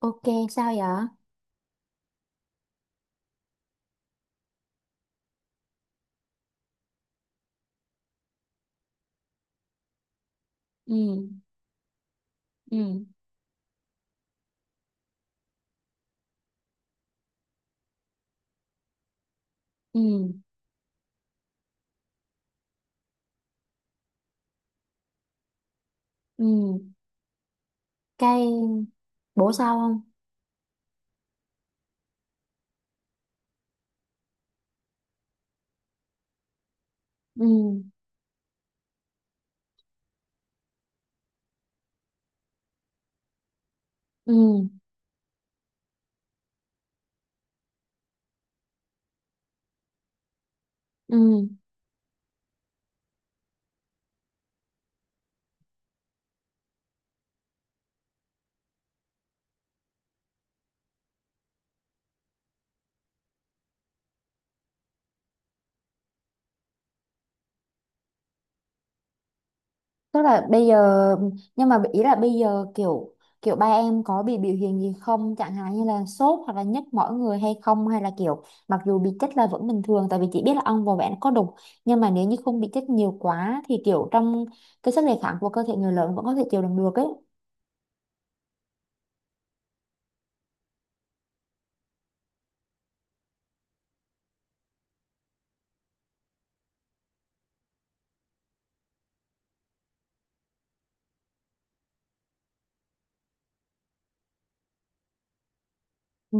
Ok, sao vậy? Ừ, ừ, ừ, ừ. Cái bổ sao không? Ừ, ừ, ừ. Tức là bây giờ, nhưng mà ý là bây giờ kiểu kiểu ba em có bị biểu hiện gì không? Chẳng hạn như là sốt hoặc là nhức mỏi người hay không? Hay là kiểu mặc dù bị chích là vẫn bình thường tại vì chị biết là ong vò vẽ nó có độc nhưng mà nếu như không bị chích nhiều quá thì kiểu trong cái sức đề kháng của cơ thể người lớn vẫn có thể chịu đựng được ấy. Ừ,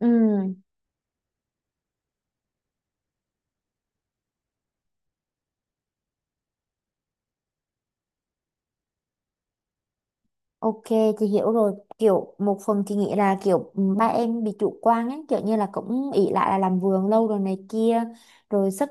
ừ. Ok, chị hiểu rồi. Kiểu một phần chị nghĩ là kiểu ba em bị chủ quan ấy, kiểu như là cũng ỷ lại là làm vườn lâu rồi này kia, rồi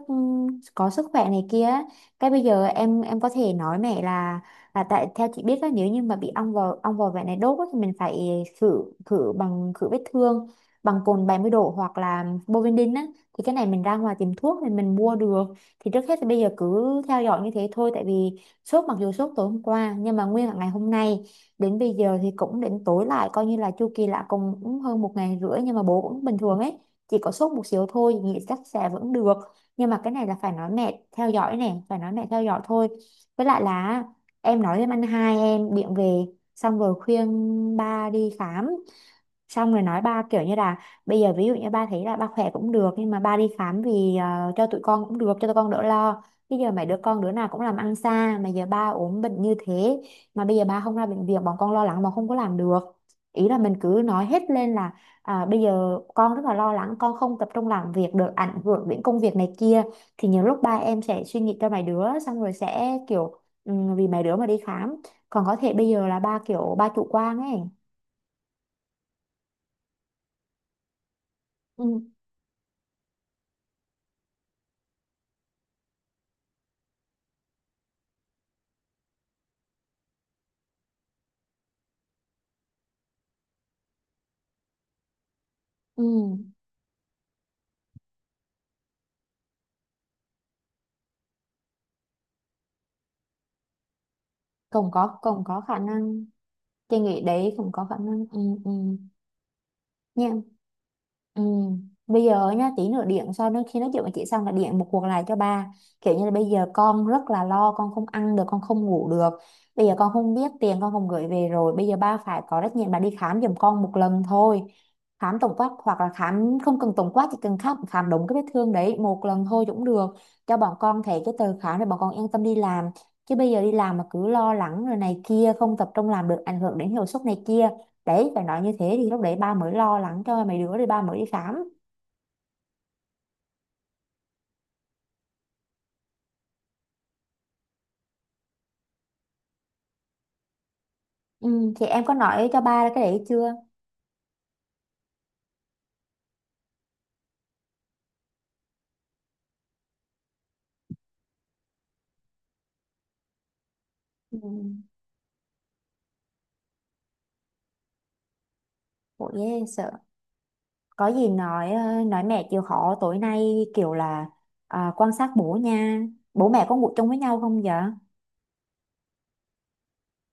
có sức khỏe này kia ấy. Cái bây giờ em có thể nói mẹ là tại theo chị biết là nếu như mà bị ong vò vẽ này đốt ấy, thì mình phải khử khử bằng khử vết thương bằng cồn 70 độ hoặc là Bovidin á, thì cái này mình ra ngoài tìm thuốc thì mình mua được. Thì trước hết thì bây giờ cứ theo dõi như thế thôi tại vì sốt, mặc dù sốt tối hôm qua nhưng mà nguyên cả ngày hôm nay đến bây giờ thì cũng đến tối lại, coi như là chu kỳ là cũng cũng hơn một ngày rưỡi nhưng mà bố cũng bình thường ấy, chỉ có sốt một xíu thôi nghĩ chắc sẽ vẫn được. Nhưng mà cái này là phải nói mẹ theo dõi nè, phải nói mẹ theo dõi thôi. Với lại là em nói với anh hai em điện về, xong rồi khuyên ba đi khám, xong rồi nói ba kiểu như là bây giờ ví dụ như ba thấy là ba khỏe cũng được nhưng mà ba đi khám vì cho tụi con cũng được, cho tụi con đỡ lo. Bây giờ mấy đứa con đứa nào cũng làm ăn xa mà giờ ba ốm bệnh như thế mà bây giờ ba không ra bệnh viện, bọn con lo lắng mà không có làm được. Ý là mình cứ nói hết lên là bây giờ con rất là lo lắng, con không tập trung làm việc được, ảnh hưởng đến công việc này kia. Thì nhiều lúc ba em sẽ suy nghĩ cho mấy đứa xong rồi sẽ kiểu ừ, vì mấy đứa mà đi khám. Còn có thể bây giờ là ba kiểu ba chủ quan ấy. Ừ, ừ, cũng có khả năng. Chị nghĩ đấy cũng có khả năng. Ừ, ừ nha. Ừ. Bây giờ nhá, tí nữa điện sau nữa, khi nói chuyện với chị xong là điện một cuộc lại cho ba, kiểu như là bây giờ con rất là lo, con không ăn được, con không ngủ được, bây giờ con không biết tiền, con không gửi về, rồi bây giờ ba phải có trách nhiệm là đi khám giùm con một lần thôi. Khám tổng quát hoặc là khám không cần tổng quát, chỉ cần khám khám đúng cái vết thương đấy một lần thôi cũng được, cho bọn con thấy cái tờ khám để bọn con yên tâm đi làm. Chứ bây giờ đi làm mà cứ lo lắng rồi này kia, không tập trung làm được, ảnh hưởng đến hiệu suất này kia. Đấy, phải nói như thế thì lúc đấy ba mới lo lắng cho mấy đứa rồi ba mới đi khám. Ừ, thì em có nói cho ba cái đấy chưa? Ừ, bộ ghê sợ. Có gì nói nói mẹ chịu khó tối nay kiểu là quan sát bố nha. Bố mẹ có ngủ chung với nhau không vậy?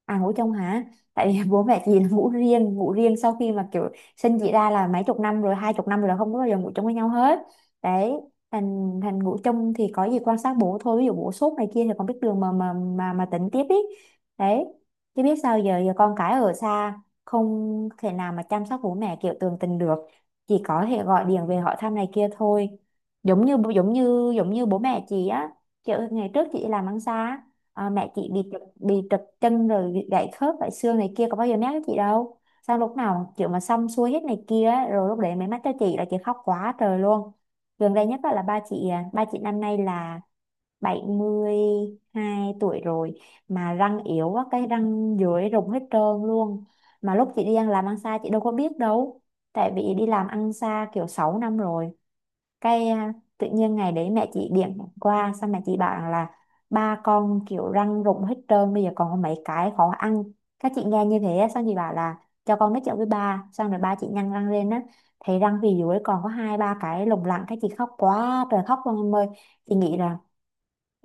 À, ngủ chung hả? Tại vì bố mẹ chị là ngủ riêng sau khi mà kiểu sinh chị ra là mấy chục năm rồi, 20 năm rồi là không có bao giờ ngủ chung với nhau hết. Đấy, thành thành ngủ chung thì có gì quan sát bố thôi, ví dụ bố sốt này kia thì con biết đường mà tỉnh tiếp ý. Đấy. Chứ biết sao giờ, giờ con cái ở xa không thể nào mà chăm sóc bố mẹ kiểu tường tình được, chỉ có thể gọi điện về hỏi thăm này kia thôi. Giống như bố mẹ chị á, kiểu ngày trước chị làm ăn xa, mẹ chị bị trật chân rồi bị gãy khớp, gãy xương này kia có bao giờ nhắc với chị đâu. Sao lúc nào kiểu mà xong xuôi hết này kia ấy, rồi lúc đấy mới mách cho chị, là chị khóc quá trời luôn. Gần đây nhất á là ba chị, ba chị năm nay là 72 tuổi rồi mà răng yếu quá, cái răng dưới rụng hết trơn luôn mà lúc chị đi ăn, làm ăn xa chị đâu có biết đâu, tại vì đi làm ăn xa kiểu 6 năm rồi. Cái tự nhiên ngày đấy mẹ chị điểm qua xong mẹ chị bảo rằng là ba con kiểu răng rụng hết trơn, bây giờ còn có mấy cái khó ăn. Các chị nghe như thế á, xong chị bảo là cho con nói chuyện với ba, xong rồi ba chị nhăn răng lên á, thấy răng phía dưới còn có hai ba cái lủng lẳng, các chị khóc quá trời khóc luôn em ơi. Chị nghĩ là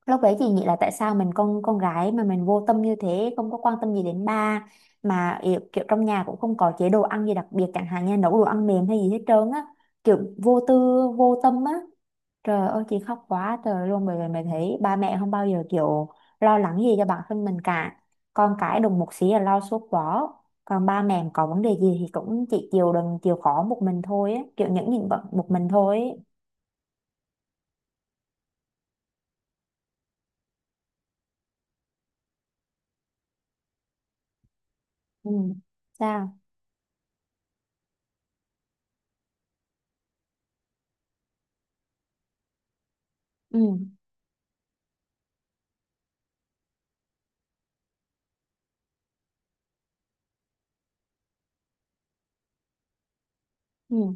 lúc đấy chị nghĩ là tại sao mình con gái mà mình vô tâm như thế, không có quan tâm gì đến ba, mà kiểu, trong nhà cũng không có chế độ ăn gì đặc biệt chẳng hạn như nấu đồ ăn mềm hay gì hết trơn á, kiểu vô tư, vô tâm á. Trời ơi chị khóc quá trời luôn, bởi vì mày thấy ba mẹ không bao giờ kiểu lo lắng gì cho bản thân mình cả, con cái đùng một xí là lo suốt quá, còn ba mẹ có vấn đề gì thì cũng chỉ chịu đựng, chịu khó một mình thôi ấy. Kiểu những bận một mình thôi ấy. Ừ. Sao? Ừ. Ừ.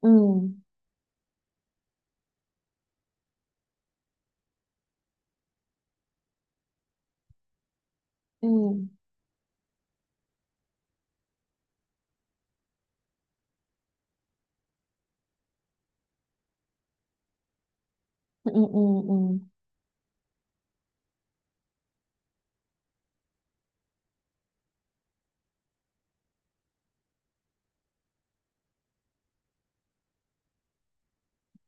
Ừ. Ừ. Ừ. Ừ. Ừ. Ừ.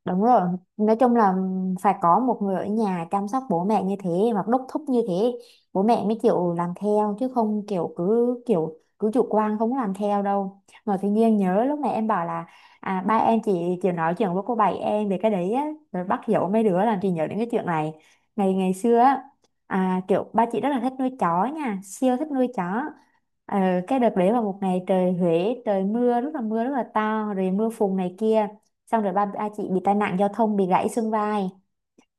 Đúng rồi, nói chung là phải có một người ở nhà chăm sóc bố mẹ như thế hoặc đốc thúc như thế, bố mẹ mới chịu làm theo, chứ không kiểu cứ chủ quan không làm theo đâu. Mà tự nhiên nhớ lúc này em bảo là ba em chỉ nói chuyện với cô bảy em về cái đấy á, rồi bắt dỗ mấy đứa làm chị nhớ đến cái chuyện này. Ngày ngày xưa á, kiểu ba chị rất là thích nuôi chó nha, siêu thích nuôi chó. Ờ, cái đợt đấy là một ngày trời Huế, trời mưa rất là, mưa rất là to rồi mưa phùn này kia, xong rồi ba ba chị bị tai nạn giao thông, bị gãy xương vai.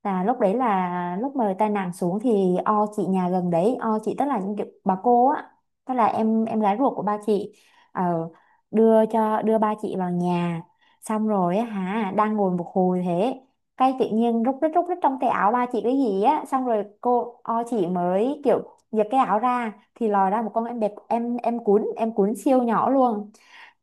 Là lúc đấy là lúc mà tai nạn xuống thì o chị nhà gần đấy, o chị tức là những kiểu bà cô á, tức là em gái ruột của ba chị, ờ, đưa ba chị vào nhà. Xong rồi á hả đang ngồi một hồi thế, cái tự nhiên rút rít trong tay áo ba chị cái gì á, xong rồi cô o chị mới kiểu giật cái áo ra thì lòi ra một con em bẹp em cuốn siêu nhỏ luôn.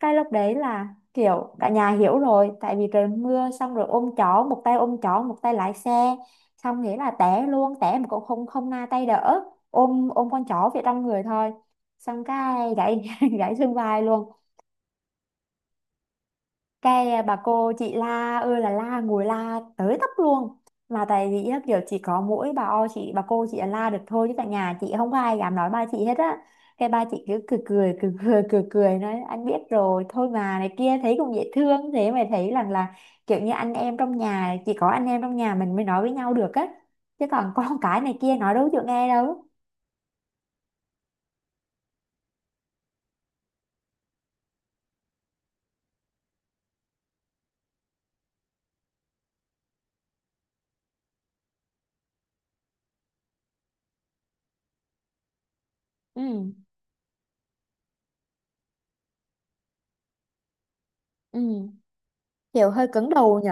Cái lúc đấy là kiểu cả nhà hiểu rồi, tại vì trời mưa xong rồi ôm chó một tay, ôm chó một tay lái xe, xong nghĩa là té luôn, té mà cũng không không na tay đỡ, ôm ôm con chó về trong người thôi. Xong cái gãy gãy xương vai luôn. Cái bà cô chị la ơi là la, ngồi la tới tấp luôn, mà tại vì á, kiểu chỉ có mỗi bà o chị, bà cô chị là la được thôi chứ tại nhà chị không có ai dám nói ba chị hết á. Cái ba chị cứ cười cười cười cười cười cười, nói anh biết rồi thôi mà, này kia thấy cũng dễ thương thế, mà thấy rằng là kiểu như anh em trong nhà, chỉ có anh em trong nhà mình mới nói với nhau được á, chứ còn con cái này kia nói đâu chịu nghe đâu. Ừ, ừ, kiểu hơi cứng đầu nhỉ.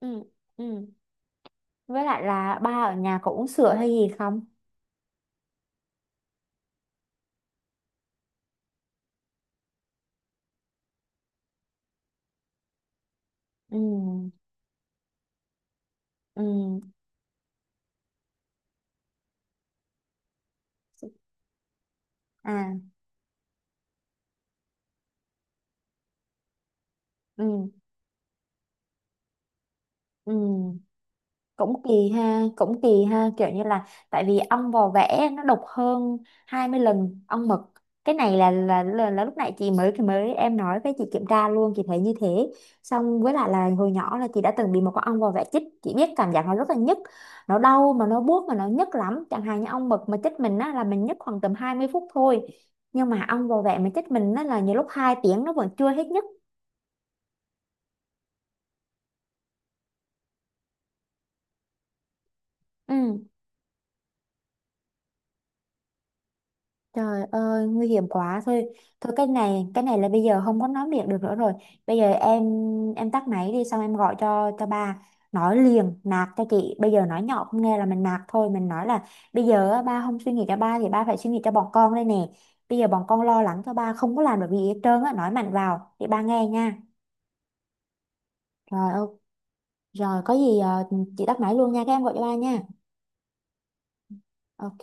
Ừ, ừ. Với lại là ba ở nhà có uống sữa hay gì không? Ừ ừ à ừ, ừ. Cũng kỳ ha, cũng kỳ ha, kiểu như là tại vì ong vò vẽ nó độc hơn 20 lần ong mật. Cái này là lúc nãy chị mới mới em nói với chị kiểm tra luôn, chị thấy như thế. Xong với lại là hồi nhỏ là chị đã từng bị một con ong vò vẽ chích, chị biết cảm giác nó rất là nhức, nó đau mà nó buốt mà nó nhức lắm. Chẳng hạn như ong mật mà chích mình á là mình nhức khoảng tầm 20 phút thôi, nhưng mà ong vò vẽ mà chích mình á là nhiều lúc 2 tiếng nó vẫn chưa hết nhức. Ừ. Trời ơi, nguy hiểm quá thôi. Thôi cái này, là bây giờ không có nói miệng được nữa rồi. Bây giờ em tắt máy đi xong em gọi cho ba, nói liền nạt cho chị. Bây giờ nói nhỏ không nghe là mình nạt thôi, mình nói là bây giờ á, ba không suy nghĩ cho ba thì ba phải suy nghĩ cho bọn con đây nè. Bây giờ bọn con lo lắng cho ba không có làm được gì hết trơn á, nói mạnh vào để ba nghe nha. Rồi ok. Rồi có gì chị tắt máy luôn nha, các em gọi cho ba nha. Ok.